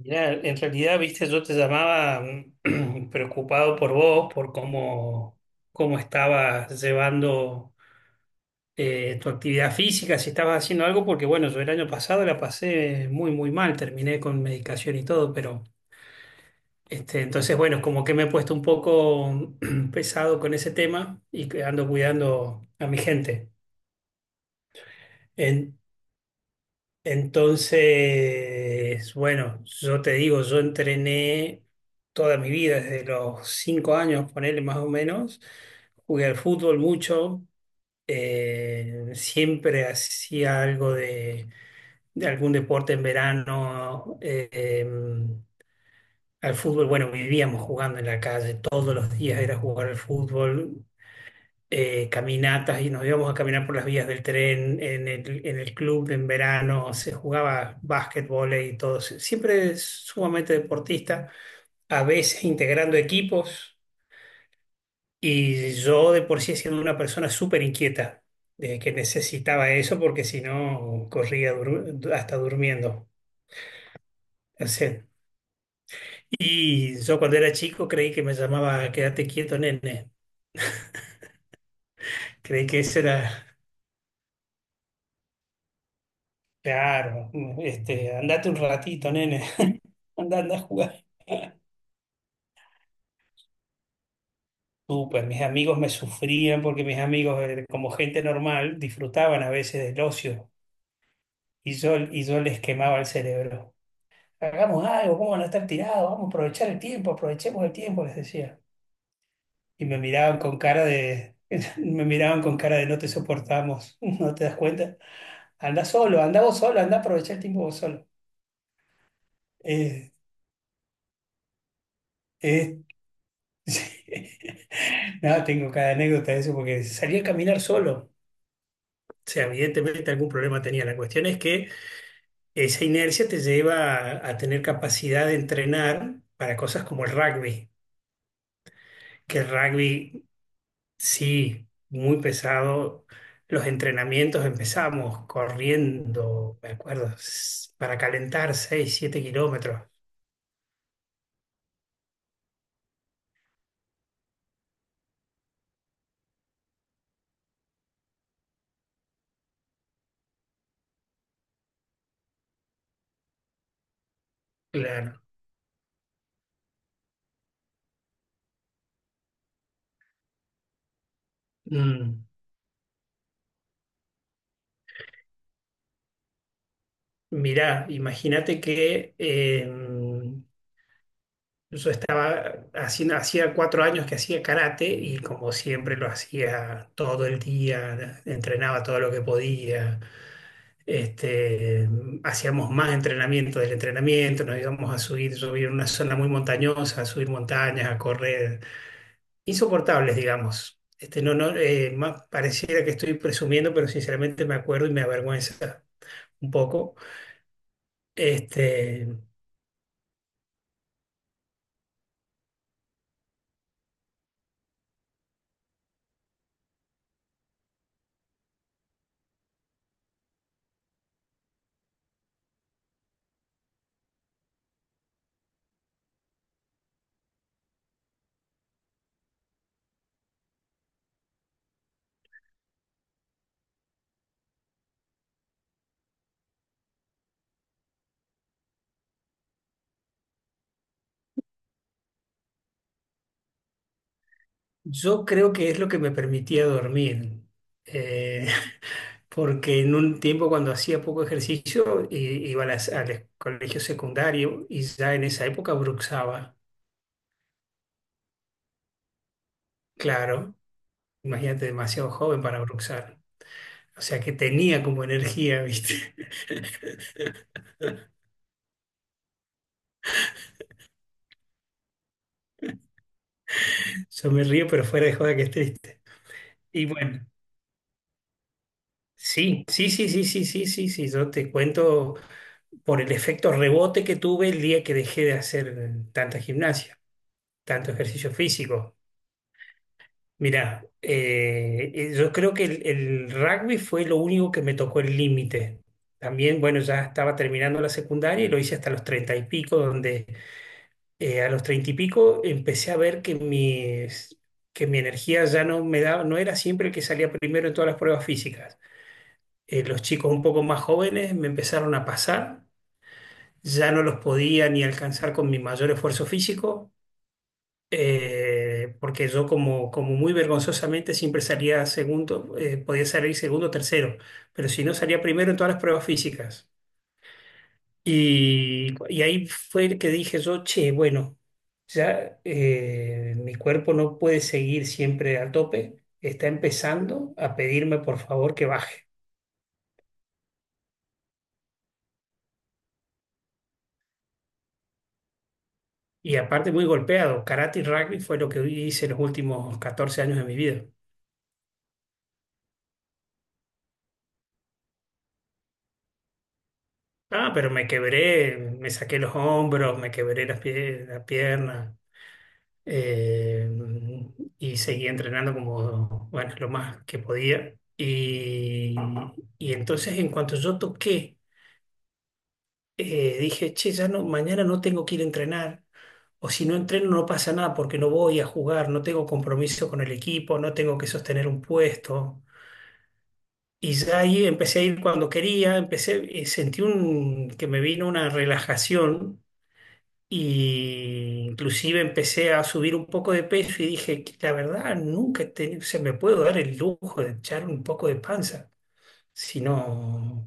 Mirá, en realidad, viste, yo te llamaba preocupado por vos, por cómo estabas llevando tu actividad física, si estabas haciendo algo, porque bueno, yo el año pasado la pasé muy, muy mal, terminé con medicación y todo. Pero este, entonces, bueno, como que me he puesto un poco pesado con ese tema y que ando cuidando a mi gente. En- Entonces, bueno, yo te digo, yo entrené toda mi vida, desde los 5 años, ponele más o menos. Jugué al fútbol mucho, siempre hacía algo de algún deporte en verano. Al fútbol, bueno, vivíamos jugando en la calle, todos los días era jugar al fútbol, caminatas, y nos íbamos a caminar por las vías del tren. En el, club en verano se jugaba básquetbol y todo. Siempre sumamente deportista, a veces integrando equipos, y yo de por sí siendo una persona súper inquieta, de que necesitaba eso porque si no corría hasta durmiendo. O sea, y yo cuando era chico creí que me llamaba quédate quieto, nene. Creí que ese era... Claro, este, andate un ratito, nene. Anda, anda a jugar. Súper, mis amigos me sufrían porque mis amigos, como gente normal, disfrutaban a veces del ocio, y yo, les quemaba el cerebro. Hagamos algo, ¿cómo van a no estar tirados? Vamos a aprovechar el tiempo, aprovechemos el tiempo, les decía. Y me miraban con cara de, me miraban con cara de no te soportamos, ¿no te das cuenta? Anda solo, anda vos solo, anda a aprovechar el tiempo vos solo. Eh, Es, No, tengo cada anécdota de eso porque salí a caminar solo. O sea, evidentemente algún problema tenía. La cuestión es que esa inercia te lleva a, tener capacidad de entrenar para cosas como el rugby, que el rugby sí, muy pesado. Los entrenamientos empezamos corriendo, me acuerdo, para calentar 6, 7 kilómetros. Claro. Mm. Mirá, imagínate que... yo estaba haciendo, hacía 4 años que hacía karate, y como siempre lo hacía todo el día, entrenaba todo lo que podía. Este, hacíamos más entrenamiento del entrenamiento, nos íbamos a subir, yo vivía en una zona muy montañosa, a subir montañas, a correr, insoportables, digamos. Este, no, no, más pareciera que estoy presumiendo, pero sinceramente me acuerdo y me avergüenza un poco. Este, yo creo que es lo que me permitía dormir. Eh, porque en un tiempo cuando hacía poco ejercicio iba a al colegio secundario, y ya en esa época bruxaba. Claro, imagínate, demasiado joven para bruxar. O sea que tenía como energía, ¿viste? Yo me río, pero fuera de joda que es triste. Y bueno, sí, sí, sí, sí, sí, sí, sí, sí. Yo te cuento por el efecto rebote que tuve el día que dejé de hacer tanta gimnasia, tanto ejercicio físico. Mirá, yo creo que el, rugby fue lo único que me tocó el límite. También, bueno, ya estaba terminando la secundaria y lo hice hasta los treinta y pico, donde a los treinta y pico empecé a ver que mi energía ya no me daba, no era siempre el que salía primero en todas las pruebas físicas. Los chicos un poco más jóvenes me empezaron a pasar, ya no los podía ni alcanzar con mi mayor esfuerzo físico, porque yo como, como muy vergonzosamente siempre salía segundo, podía salir segundo o tercero, pero si no salía primero en todas las pruebas físicas. Y, ahí fue el que dije yo, che, bueno, ya mi cuerpo no puede seguir siempre al tope, está empezando a pedirme por favor que baje. Y aparte muy golpeado, karate y rugby fue lo que hice los últimos 14 años de mi vida. Ah, pero me quebré, me saqué los hombros, me quebré las la pierna. Eh, y seguía entrenando como, bueno, lo más que podía. Y, entonces en cuanto yo toqué, dije, che, ya no, mañana no tengo que ir a entrenar. O si no entreno no pasa nada porque no voy a jugar, no tengo compromiso con el equipo, no tengo que sostener un puesto. Y ya ahí empecé a ir cuando quería, empecé, sentí un, que me vino una relajación. Y inclusive empecé a subir un poco de peso y dije: "Que la verdad, nunca he tenido- se me puedo dar el lujo de echar un poco de panza. Sino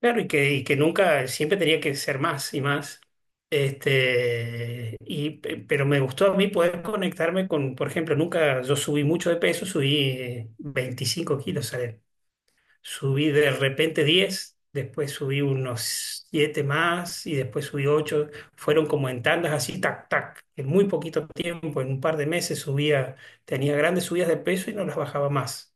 claro, y que nunca, siempre tenía que ser más y más." Este, y, pero me gustó a mí poder conectarme con, por ejemplo, nunca yo subí mucho de peso, subí 25 kilos. Subí de repente 10, después subí unos 7 más, y después subí ocho. Fueron como en tandas así, tac, tac. En muy poquito tiempo, en un par de meses, subía, tenía grandes subidas de peso y no las bajaba más.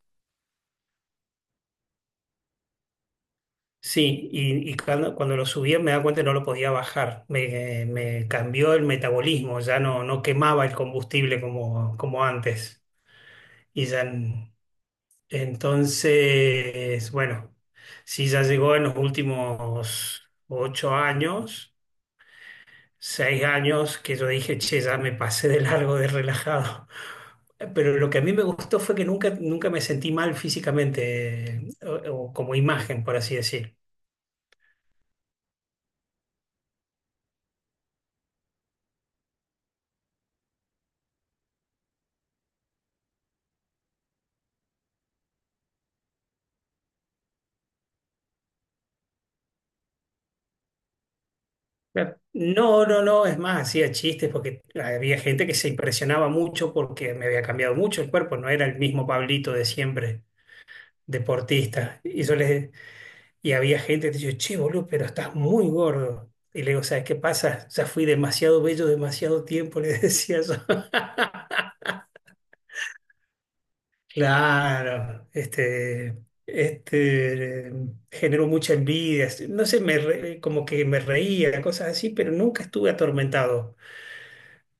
Sí, y, cuando, lo subía me daba cuenta que no lo podía bajar. Me, cambió el metabolismo, ya no, no quemaba el combustible como, antes. Y ya entonces, bueno, sí, ya llegó en los últimos 8 años, 6 años, que yo dije, che, ya me pasé de largo de relajado. Pero lo que a mí me gustó fue que nunca, nunca me sentí mal físicamente, o como imagen, por así decir. No, no, no, es más, hacía chistes porque había gente que se impresionaba mucho porque me había cambiado mucho el cuerpo, no era el mismo Pablito de siempre, deportista. Y yo les, y había gente que decía, che, boludo, pero estás muy gordo. Y le digo, ¿sabes qué pasa? Ya fui demasiado bello demasiado tiempo, le decía yo. Claro, este, generó mucha envidia. No sé, como que me reía, cosas así, pero nunca estuve atormentado.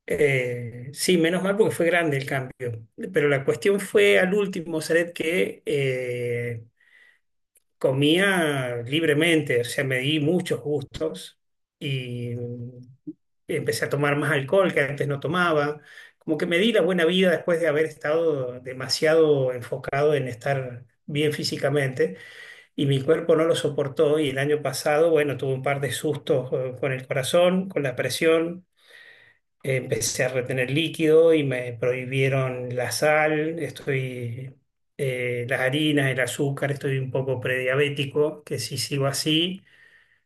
Sí, menos mal porque fue grande el cambio. Pero la cuestión fue al último, Saret, que comía libremente, o sea, me di muchos gustos y empecé a tomar más alcohol, que antes no tomaba. Como que me di la buena vida después de haber estado demasiado enfocado en estar bien físicamente, y mi cuerpo no lo soportó. Y el año pasado, bueno, tuve un par de sustos con el corazón, con la presión. Empecé a retener líquido y me prohibieron la sal, estoy, las harinas, el azúcar, estoy un poco prediabético, que si sigo así,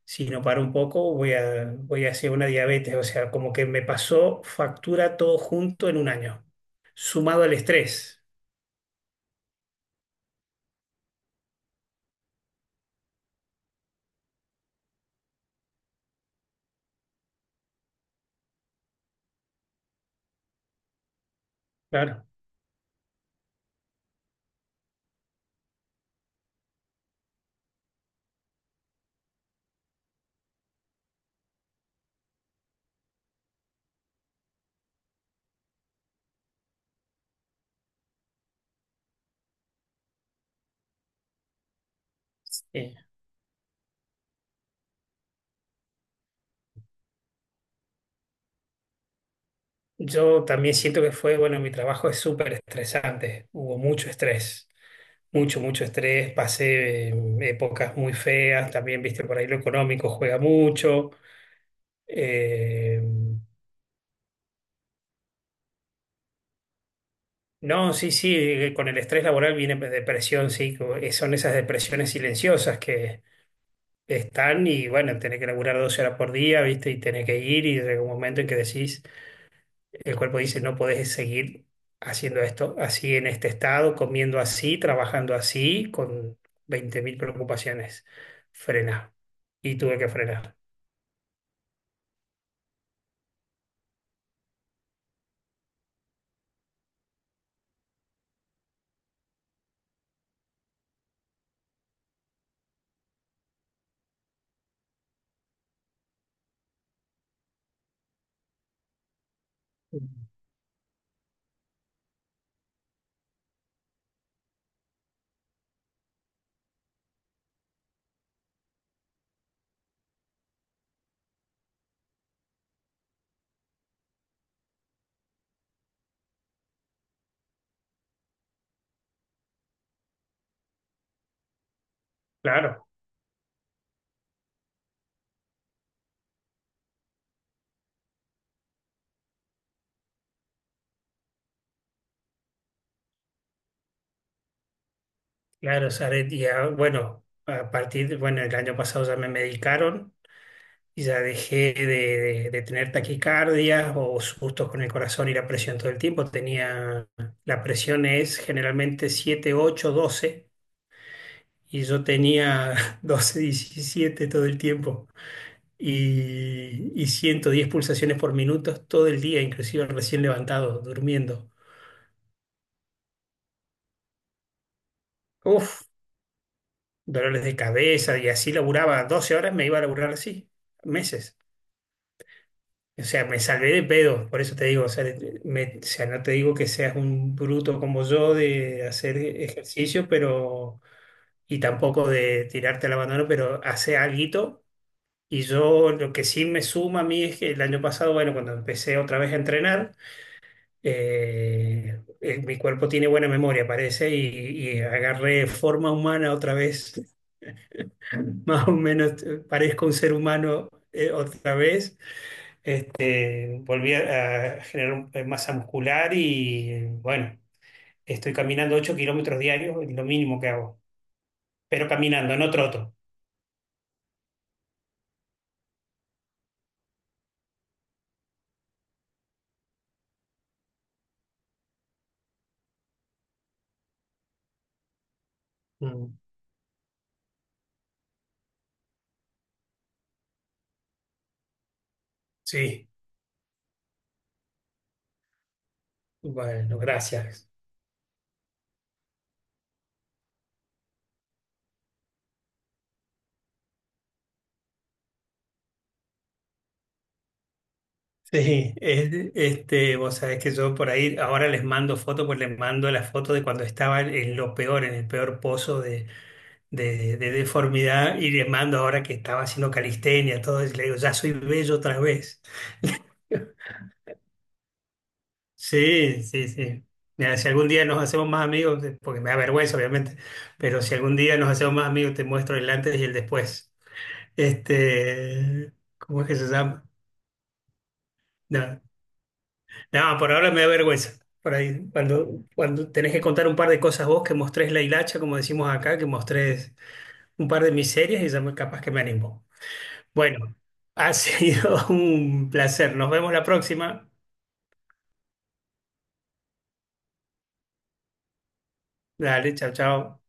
si no paro un poco, voy a, voy hacia una diabetes. O sea, como que me pasó factura todo junto en un año, sumado al estrés. Claro. Sí. Yo también siento que fue, bueno, mi trabajo es súper estresante, hubo mucho estrés. Mucho, mucho estrés, pasé épocas muy feas también, viste, por ahí lo económico juega mucho. Eh, no, sí, sí, con el estrés laboral viene depresión, sí, son esas depresiones silenciosas que están, y bueno, tenés que laburar 12 horas por día, viste, y tenés que ir, y llega un momento en que decís, el cuerpo dice, no podés seguir haciendo esto así, en este estado, comiendo así, trabajando así, con 20.000 preocupaciones. Frena. Y tuve que frenar. Claro, claro, Saret, ya, bueno, a partir de- bueno, el año pasado ya me medicaron y ya dejé de, de tener taquicardias o sustos con el corazón y la presión todo el tiempo. Tenía, la presión es generalmente 7 8 doce, y yo tenía 12 17 todo el tiempo, y, 110 pulsaciones por minuto todo el día, inclusive recién levantado, durmiendo. Uf, dolores de cabeza, y así laburaba 12 horas, me iba a laburar así, meses. O sea, me salvé de pedo, por eso te digo, o sea, o sea, no te digo que seas un bruto como yo de hacer ejercicio, pero, y tampoco de tirarte al abandono, pero hace alguito. Y yo lo que sí me suma a mí es que el año pasado, bueno, cuando empecé otra vez a entrenar, mi cuerpo tiene buena memoria, parece, y, agarré forma humana otra vez, más o menos, parezco un ser humano otra vez. Este, volví a, generar masa muscular, y bueno, estoy caminando 8 kilómetros diarios, es lo mínimo que hago, pero caminando, no troto. Mm, sí, bueno, gracias. Sí, este, vos sabés que yo por ahí ahora les mando fotos, pues les mando la foto de cuando estaba en lo peor, en el peor pozo de deformidad, y les mando ahora que estaba haciendo calistenia, todo, y le digo, ya soy bello otra vez. Sí, sí, sí. Mira, si algún día nos hacemos más amigos, porque me da vergüenza, obviamente, pero si algún día nos hacemos más amigos, te muestro el antes y el después. Este, ¿cómo es que se llama? No, no, por ahora me da vergüenza. Por ahí, cuando, cuando tenés que contar un par de cosas vos, que mostrés la hilacha, como decimos acá, que mostrés un par de miserias, y ya capaz que me animo. Bueno, ha sido un placer. Nos vemos la próxima. Dale, chao, chao.